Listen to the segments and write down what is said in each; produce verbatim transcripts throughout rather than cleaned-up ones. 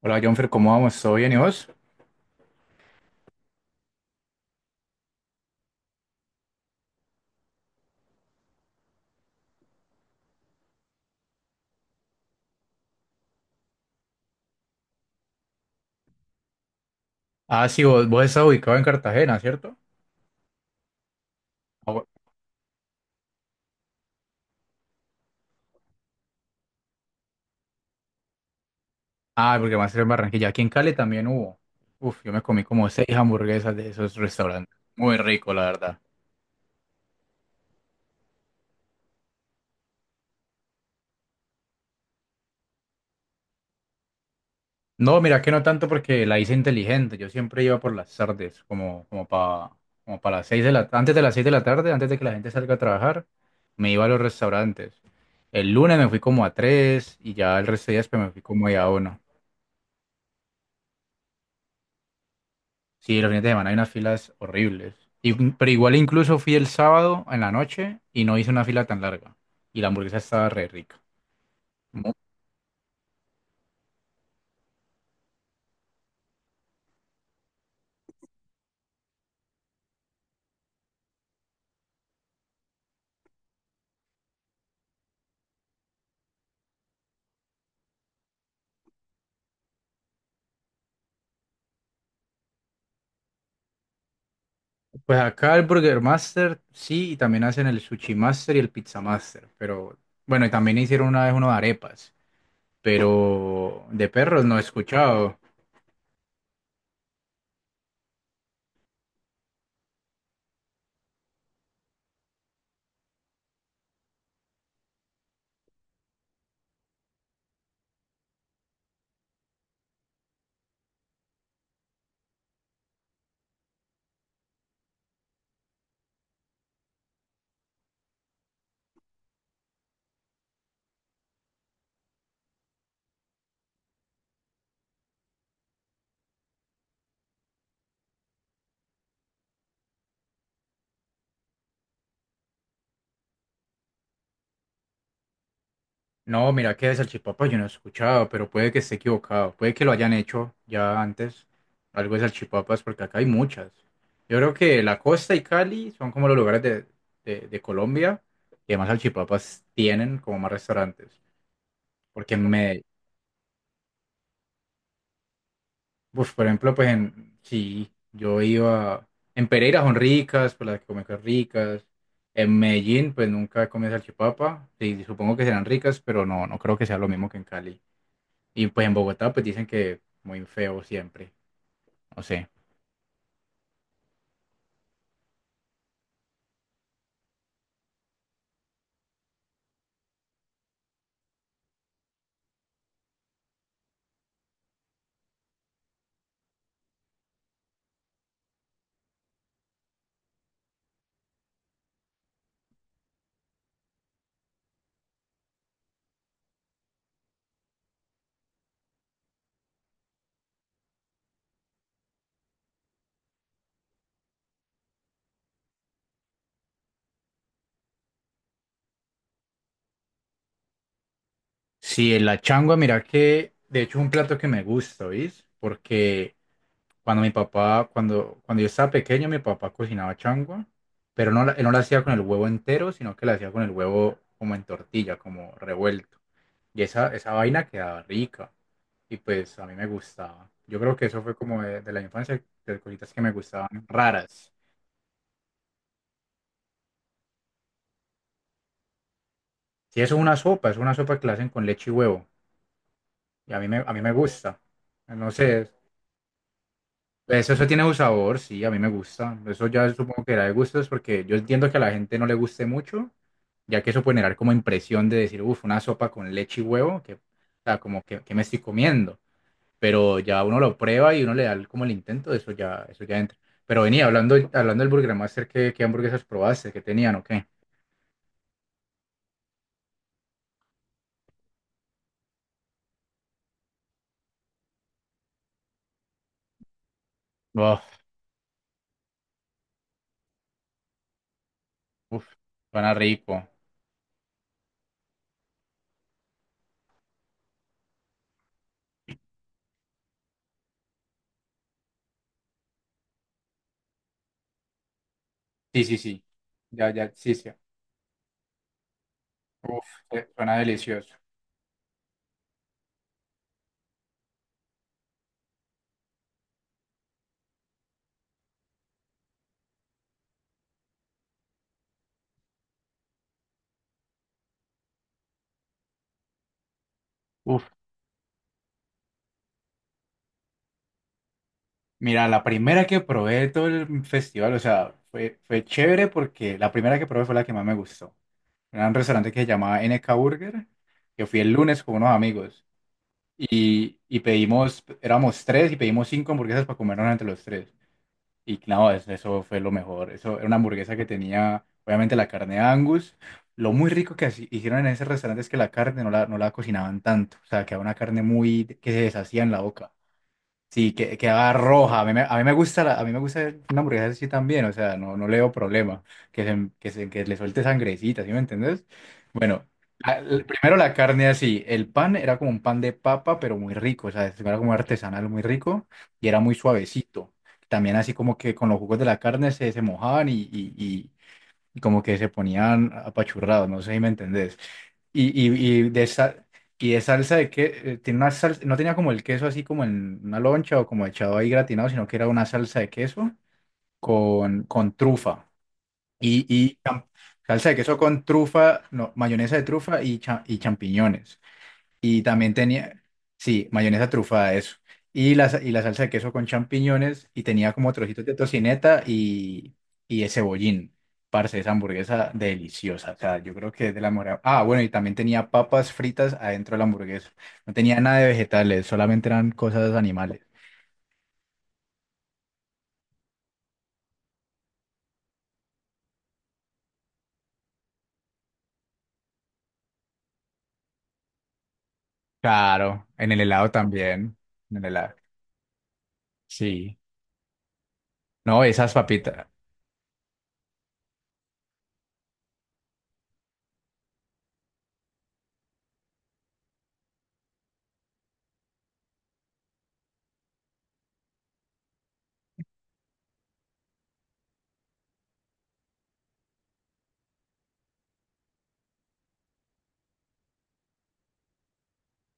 Hola Jonfer, ¿cómo vamos? ¿Todo bien y vos? Ah, sí, vos, vos estás ubicado en Cartagena, ¿cierto? Ah, bu- ah, porque va a ser en Barranquilla. Aquí en Cali también hubo. Uf, yo me comí como seis hamburguesas de esos restaurantes. Muy rico, la verdad. No, mira que no tanto porque la hice inteligente. Yo siempre iba por las tardes, como, como para como para las seis de la, antes de las seis de la tarde, antes de que la gente salga a trabajar, me iba a los restaurantes. El lunes me fui como a tres y ya el resto de días pues, me fui como ahí a uno. Sí, los fines de semana hay unas filas horribles. Y- pero igual incluso fui el sábado en la noche y no hice una fila tan larga. Y la hamburguesa estaba re rica. Mu- Pues acá el Burger Master, sí, y también hacen el Sushi Master y el Pizza Master. Pero bueno, y también hicieron una vez uno de arepas. Pero de perros no he escuchado. No, mira que de salchipapa yo no he escuchado, pero puede que esté equivocado. Puede que lo hayan hecho ya antes, algo de salchipapas, porque acá hay muchas. Yo creo que la costa y Cali son como los lugares de, de, de Colombia que más salchipapas tienen como más restaurantes. Porque me, pues por ejemplo, pues en, sí, yo iba, en Pereira son ricas, pues las que comen son ricas. En Medellín, pues nunca he comido salchipapa. Sí, supongo que serán ricas, pero no, no creo que sea lo mismo que en Cali. Y pues en Bogotá pues dicen que muy feo siempre. No sé. Sí, la changua, mira que de hecho es un plato que me gusta, ¿viste? Porque cuando mi papá, cuando, cuando yo estaba pequeño, mi papá cocinaba changua, pero no, la- él no la hacía con el huevo entero, sino que la hacía con el huevo como en tortilla, como revuelto. Y esa, esa vaina quedaba rica. Y pues a mí me gustaba. Yo creo que eso fue como de, de la infancia, de cositas que me gustaban raras. Sí, eso es una sopa, es una sopa que la hacen con leche y huevo. Y a mí me, a mí me gusta. No sé, eso, eso tiene un sabor, sí, a mí me gusta. Eso ya supongo que era de gustos porque yo entiendo que a la gente no le guste mucho, ya que eso puede generar como impresión de decir, uff, una sopa con leche y huevo, que, o sea, como que, que me estoy comiendo. Pero ya uno lo prueba y uno le da el- como el intento, eso ya, eso ya entra. Pero venía hablando, hablando del Burger Master, ¿qué, qué hamburguesas probaste? ¿Qué tenían o qué? Uf, uf, suena rico. Sí, sí, sí. Ya, ya, sí, sí. Uf, eh, suena delicioso. Uf, mira, la primera que probé de todo el festival, o sea, fue, fue chévere porque la primera que probé fue la que más me gustó. Era un restaurante que se llamaba N K Burger, que fui el lunes con unos amigos y, y pedimos, éramos tres y pedimos cinco hamburguesas para comernos entre los tres. Y claro, eso, eso fue lo mejor. Eso era una hamburguesa que tenía, obviamente, la carne de Angus. Lo muy rico que así- hicieron en ese restaurante es que la carne no la, no la cocinaban tanto, o sea, quedaba una carne muy que se deshacía en la boca. Sí, que, quedaba roja. A mí me, a mí me gusta la- a mí me gusta una hamburguesa así también, o sea, no, no le veo problema. Que, se, que, se- que le suelte sangrecita, ¿sí me entendés? Bueno, la- la- primero la carne así. El pan era como un pan de papa, pero muy rico, o sea, era como artesanal, muy rico y era muy suavecito. También así como que con los jugos de la carne se, se mojaban y, y, y- y como que se ponían apachurrados, no sé si me entendés. Y, y, y de esa, y de salsa de que eh, tiene una salsa, no tenía como el queso así como en una loncha o como echado ahí gratinado, sino que era una salsa de queso con, con trufa. Y, y cham- Salsa de queso con trufa, no, mayonesa de trufa y, cha- y champiñones. Y también tenía, sí, mayonesa trufada, eso. Y la, sa- y la salsa de queso con champiñones y tenía como trocitos de tocineta y, y de cebollín. Parce, esa hamburguesa deliciosa. O sea, yo creo que es de la mejor. Ah, bueno, y también tenía papas fritas adentro de la hamburguesa. No tenía nada de vegetales, solamente eran cosas animales. Claro, en el helado también. En el helado. Sí. No, esas papitas.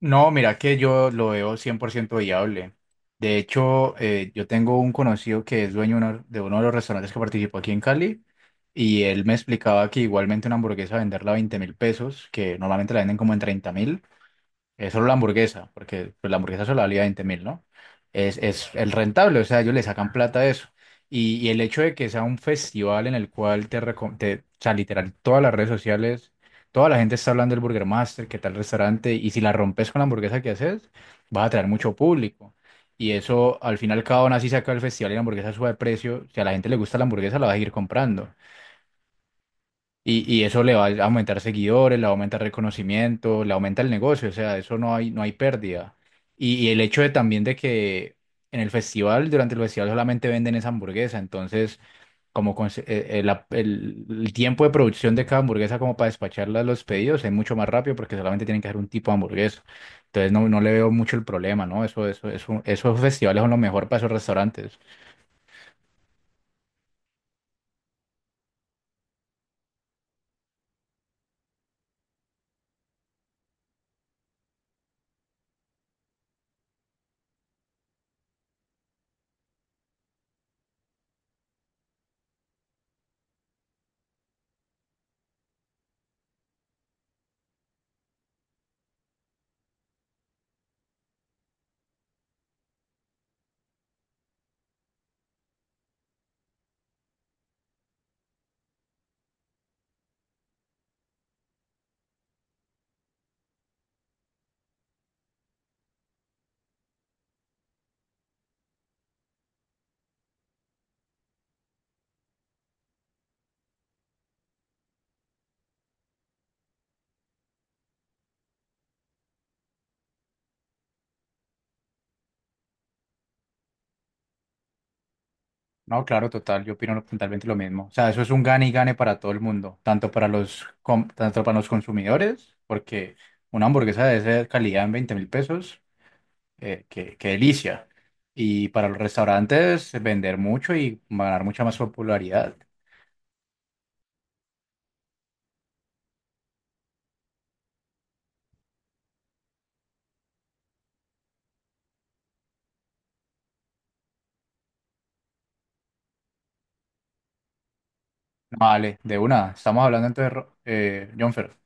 No, mira que yo lo veo cien por ciento viable. De hecho, eh, yo tengo un conocido que es dueño de uno de uno de los restaurantes que participó aquí en Cali y él me explicaba que igualmente una hamburguesa venderla a veinte mil pesos mil pesos, que normalmente la venden como en treinta mil, eh, solo la hamburguesa, porque pues, la hamburguesa solo valía veinte mil, ¿no? Es, es el rentable, o sea, ellos le sacan plata a eso. Y, y el hecho de que sea un festival en el cual te, reco- te, o sea, literal, todas las redes sociales, toda la gente está hablando del Burger Master, qué tal restaurante, y si la rompes con la hamburguesa que haces, vas a atraer mucho público. Y eso, al final, cada una así saca el festival y la hamburguesa sube de precio. Si a la gente le gusta la hamburguesa, la va a seguir comprando. Y, y eso le va a aumentar seguidores, le va a aumentar reconocimiento, le aumenta el negocio, o sea, eso no hay, no hay pérdida. Y, y el hecho de también de que en el festival, durante el festival solamente venden esa hamburguesa, entonces como conse- eh, eh, la- el, el tiempo de producción de cada hamburguesa como para despacharla a los pedidos es mucho más rápido porque solamente tienen que hacer un tipo de hamburguesa. Entonces no, no le veo mucho el problema, ¿no? Eso, eso, eso, esos festivales son lo mejor para esos restaurantes. No, claro, total, yo opino totalmente lo mismo. O sea, eso es un gane y gane para todo el mundo, tanto para los, com- tanto para los consumidores, porque una hamburguesa de esa calidad en veinte mil pesos, eh, qué, qué delicia. Y para los restaurantes, vender mucho y ganar mucha más popularidad. Vale, de una. Estamos hablando entonces, Ro- eh, Jonfer.